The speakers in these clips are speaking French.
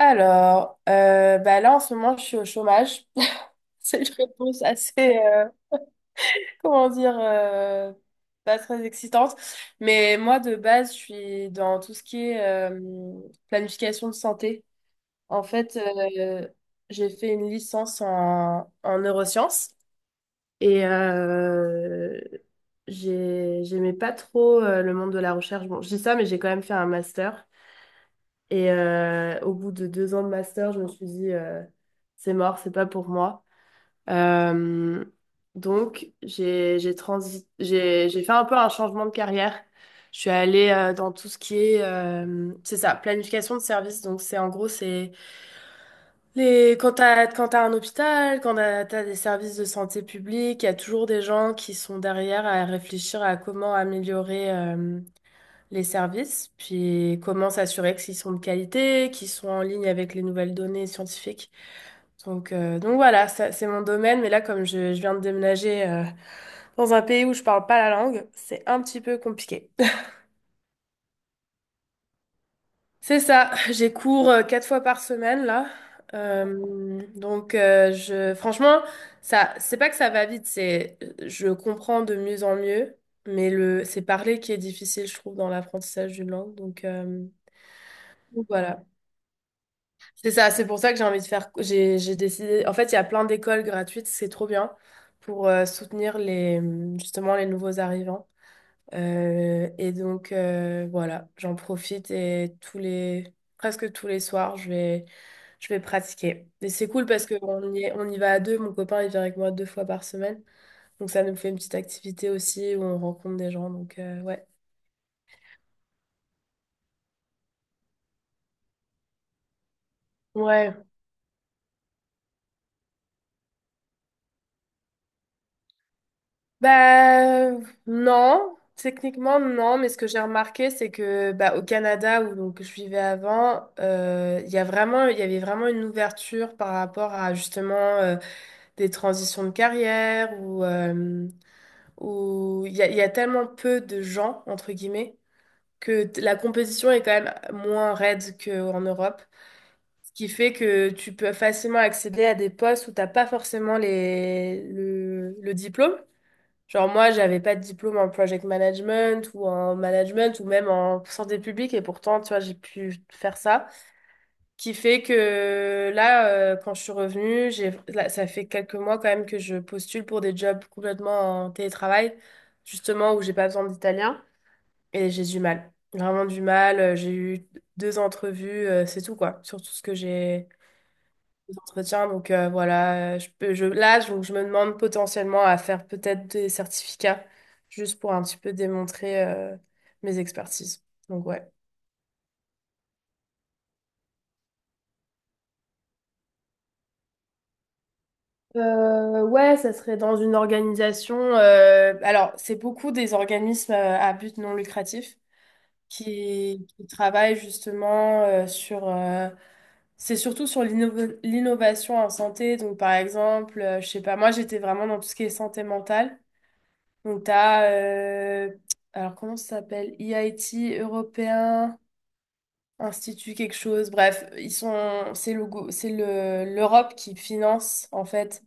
Alors, bah là en ce moment je suis au chômage. C'est une réponse assez, comment dire, pas très excitante. Mais moi de base je suis dans tout ce qui est euh, planification de santé. En fait, j'ai fait une licence en neurosciences et j'aimais pas trop le monde de la recherche. Bon, je dis ça, mais j'ai quand même fait un master. Et au bout de 2 ans de master, je me suis dit, c'est mort, c'est pas pour moi. Euh, donc, j'ai fait un peu un changement de carrière. Je suis allée dans tout ce qui est, c'est ça, planification de services. Donc, c'est en gros, c'est les, quand t'as un hôpital, quand t'as des services de santé publique, il y a toujours des gens qui sont derrière à réfléchir à comment améliorer. Les services, puis comment s'assurer qu'ils sont de qualité, qu'ils sont en ligne avec les nouvelles données scientifiques. Donc, voilà, ça, c'est mon domaine, mais là, comme je viens de déménager dans un pays où je parle pas la langue, c'est un petit peu compliqué. C'est ça, j'ai cours 4 fois par semaine là. Donc je franchement ça c'est pas que ça va vite, c'est je comprends de mieux en mieux, mais le c'est parler qui est difficile je trouve dans l'apprentissage d'une langue. Donc, voilà. C'est ça, c'est pour ça que j'ai envie de faire. J'ai décidé. En fait, il y a plein d'écoles gratuites, c'est trop bien pour soutenir justement les nouveaux arrivants. Et donc, voilà, j'en profite et presque tous les soirs, je vais pratiquer. Et c'est cool parce qu'on y va à deux. Mon copain, il vient avec moi 2 fois par semaine. Donc, ça nous fait une petite activité aussi où on rencontre des gens. Donc, ouais. Ouais. Bah non, techniquement non, mais ce que j'ai remarqué, c'est que bah, au Canada où donc je vivais avant, il y avait vraiment une ouverture par rapport à justement des transitions de carrière ou où il y a tellement peu de gens entre guillemets la compétition est quand même moins raide qu'en Europe, ce qui fait que tu peux facilement accéder à des postes où t'as pas forcément le diplôme. Genre moi, j'avais pas de diplôme en project management ou en management ou même en santé publique et pourtant, tu vois, j'ai pu faire ça. Qui fait que là, quand je suis revenue, là, ça fait quelques mois quand même que je postule pour des jobs complètement en télétravail, justement où j'ai pas besoin d'italien et j'ai du mal. Vraiment du mal. J'ai eu 2 entrevues, c'est tout quoi, sur tout ce que j'ai des entretiens. Donc voilà, je peux, je, là, je me demande potentiellement à faire peut-être des certificats juste pour un petit peu démontrer mes expertises. Donc ouais. Ouais, ça serait dans une organisation. Alors, c'est beaucoup des organismes à but non lucratif qui travaillent justement sur. C'est surtout sur l'innovation en santé. Donc, par exemple, je sais pas, moi j'étais vraiment dans tout ce qui est santé mentale. Donc, alors comment ça s'appelle? EIT européen, Institut quelque chose. Bref, ils sont, c'est le, go- c'est le, l'Europe qui finance, en fait,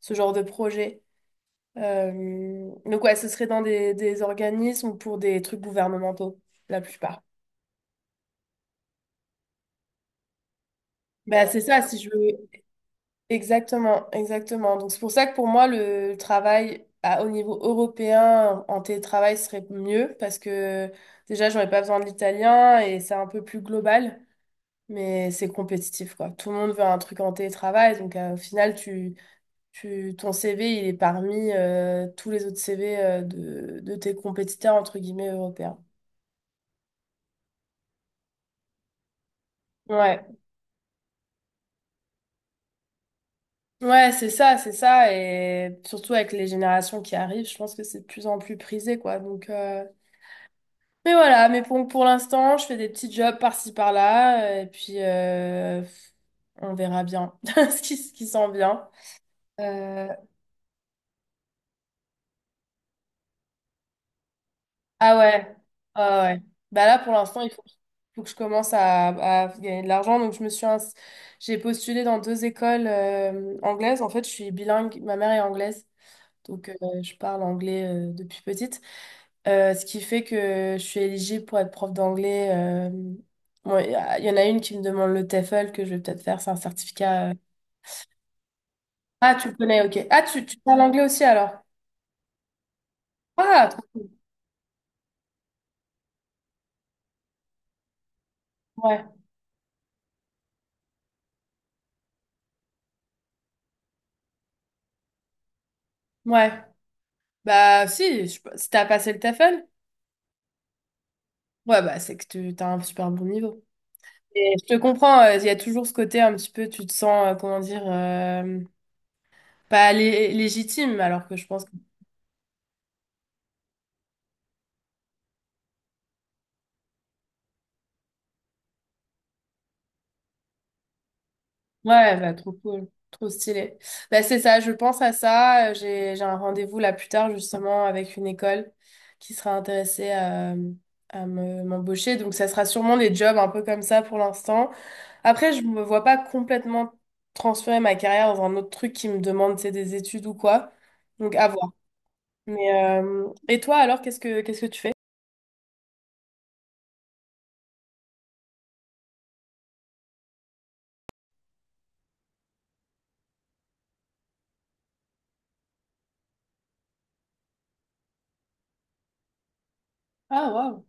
ce genre de projet. Euh, donc, ouais, ce serait dans des organismes ou pour des trucs gouvernementaux, la plupart. Bah, c'est ça, si je veux. Exactement, exactement. Donc c'est pour ça que pour moi, le travail au niveau européen en télétravail serait mieux parce que déjà, j'aurais pas besoin de l'italien et c'est un peu plus global, mais c'est compétitif, quoi. Tout le monde veut un truc en télétravail, donc au final, ton CV, il est parmi tous les autres CV de tes compétiteurs, entre guillemets, européens. Ouais, ouais, c'est ça, c'est ça. Et surtout avec les générations qui arrivent, je pense que c'est de plus en plus prisé, quoi. Donc. Mais voilà, mais pour l'instant, je fais des petits jobs par-ci par-là, et puis on verra bien ce qui s'en vient. Euh, ah ouais, ah ouais. Bah là, pour l'instant, faut que je commence à gagner de l'argent. Donc, je me suis ins- j'ai postulé dans 2 écoles anglaises. En fait, je suis bilingue, ma mère est anglaise, donc je parle anglais depuis petite. Ce qui fait que je suis éligible pour être prof d'anglais. Bon, il y en a une qui me demande le TEFL que je vais peut-être faire, c'est un certificat. Ah, tu le connais, ok. Ah, tu parles anglais aussi alors? Ah, trop cool. Ouais, ouais. Bah, si, si t'as passé le TEFL, ouais, bah, c'est que tu t'as un super bon niveau. Et je te comprends, il y a toujours ce côté un petit peu, tu te sens, comment dire, pas légitime, alors que je pense que. Ouais, bah, trop cool, trop stylé. Bah, c'est ça, je pense à ça. J'ai, un rendez-vous là plus tard justement avec une école qui sera intéressée m'embaucher. Donc ça sera sûrement des jobs un peu comme ça pour l'instant. Après, je me vois pas complètement transférer ma carrière dans un autre truc qui me demande, c'est des études ou quoi. Donc à voir. Mais et toi alors, qu'est-ce que tu fais? Ah waouh,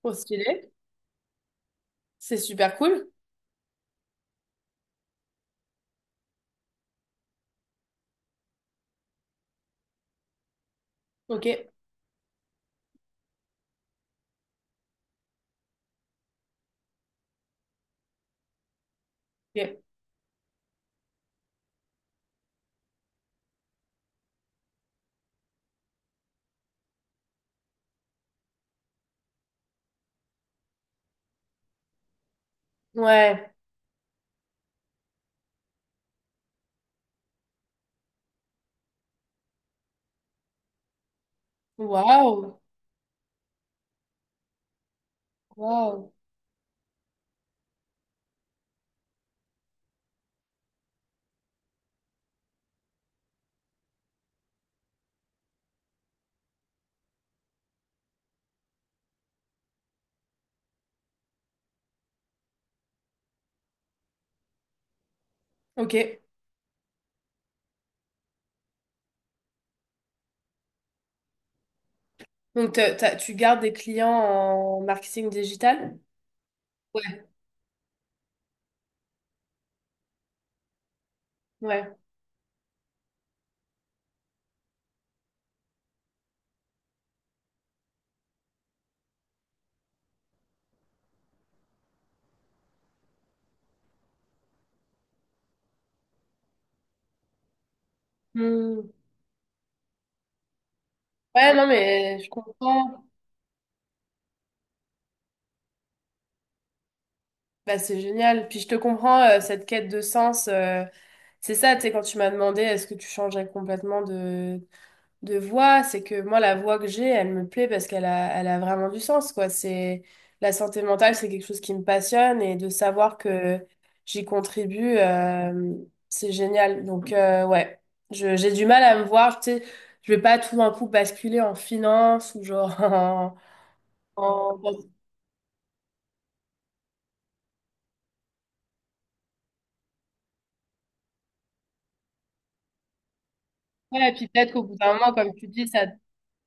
trop stylé. C'est super cool. Ok. Ok. Ouais. Waouh. Waouh. Ok. Donc, tu gardes des clients en marketing digital? Ouais. Ouais. Hmm. Ouais, non, mais je comprends. Bah, c'est génial. Puis je te comprends, cette quête de sens. C'est ça, tu sais, quand tu m'as demandé est-ce que tu changerais complètement de voix, c'est que moi, la voix que j'ai, elle me plaît parce qu'elle a vraiment du sens, quoi. La santé mentale, c'est quelque chose qui me passionne et de savoir que j'y contribue, c'est génial. Donc, ouais, j'ai du mal à me voir, tu sais, je vais pas tout d'un coup basculer en finance ou genre en... en... Ouais, et puis peut-être qu'au bout d'un moment, comme tu dis, ça.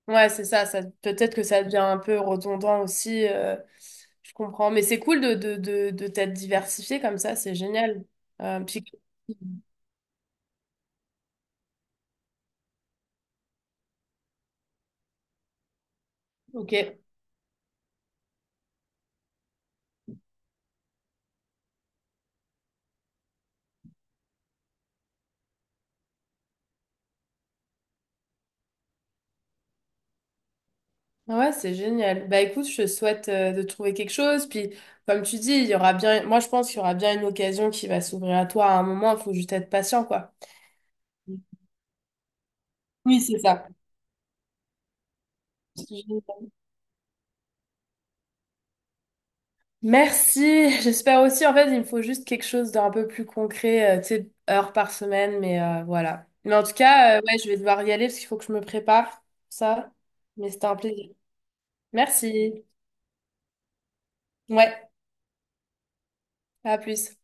Ouais, c'est ça, ça peut-être que ça devient un peu redondant aussi, je comprends. Mais c'est cool de t'être diversifié comme ça, c'est génial. Euh, puis- ok, ouais, c'est génial. Bah écoute, je te souhaite de trouver quelque chose. Puis comme tu dis, il y aura bien, moi je pense qu'il y aura bien une occasion qui va s'ouvrir à toi à un moment, il faut juste être patient, quoi. Oui, c'est ça. Merci, j'espère aussi. En fait, il me faut juste quelque chose d'un peu plus concret, tu sais, heure par semaine, mais voilà. Mais en tout cas, ouais, je vais devoir y aller parce qu'il faut que je me prépare, ça. Mais c'était un plaisir. Merci. Ouais, à plus.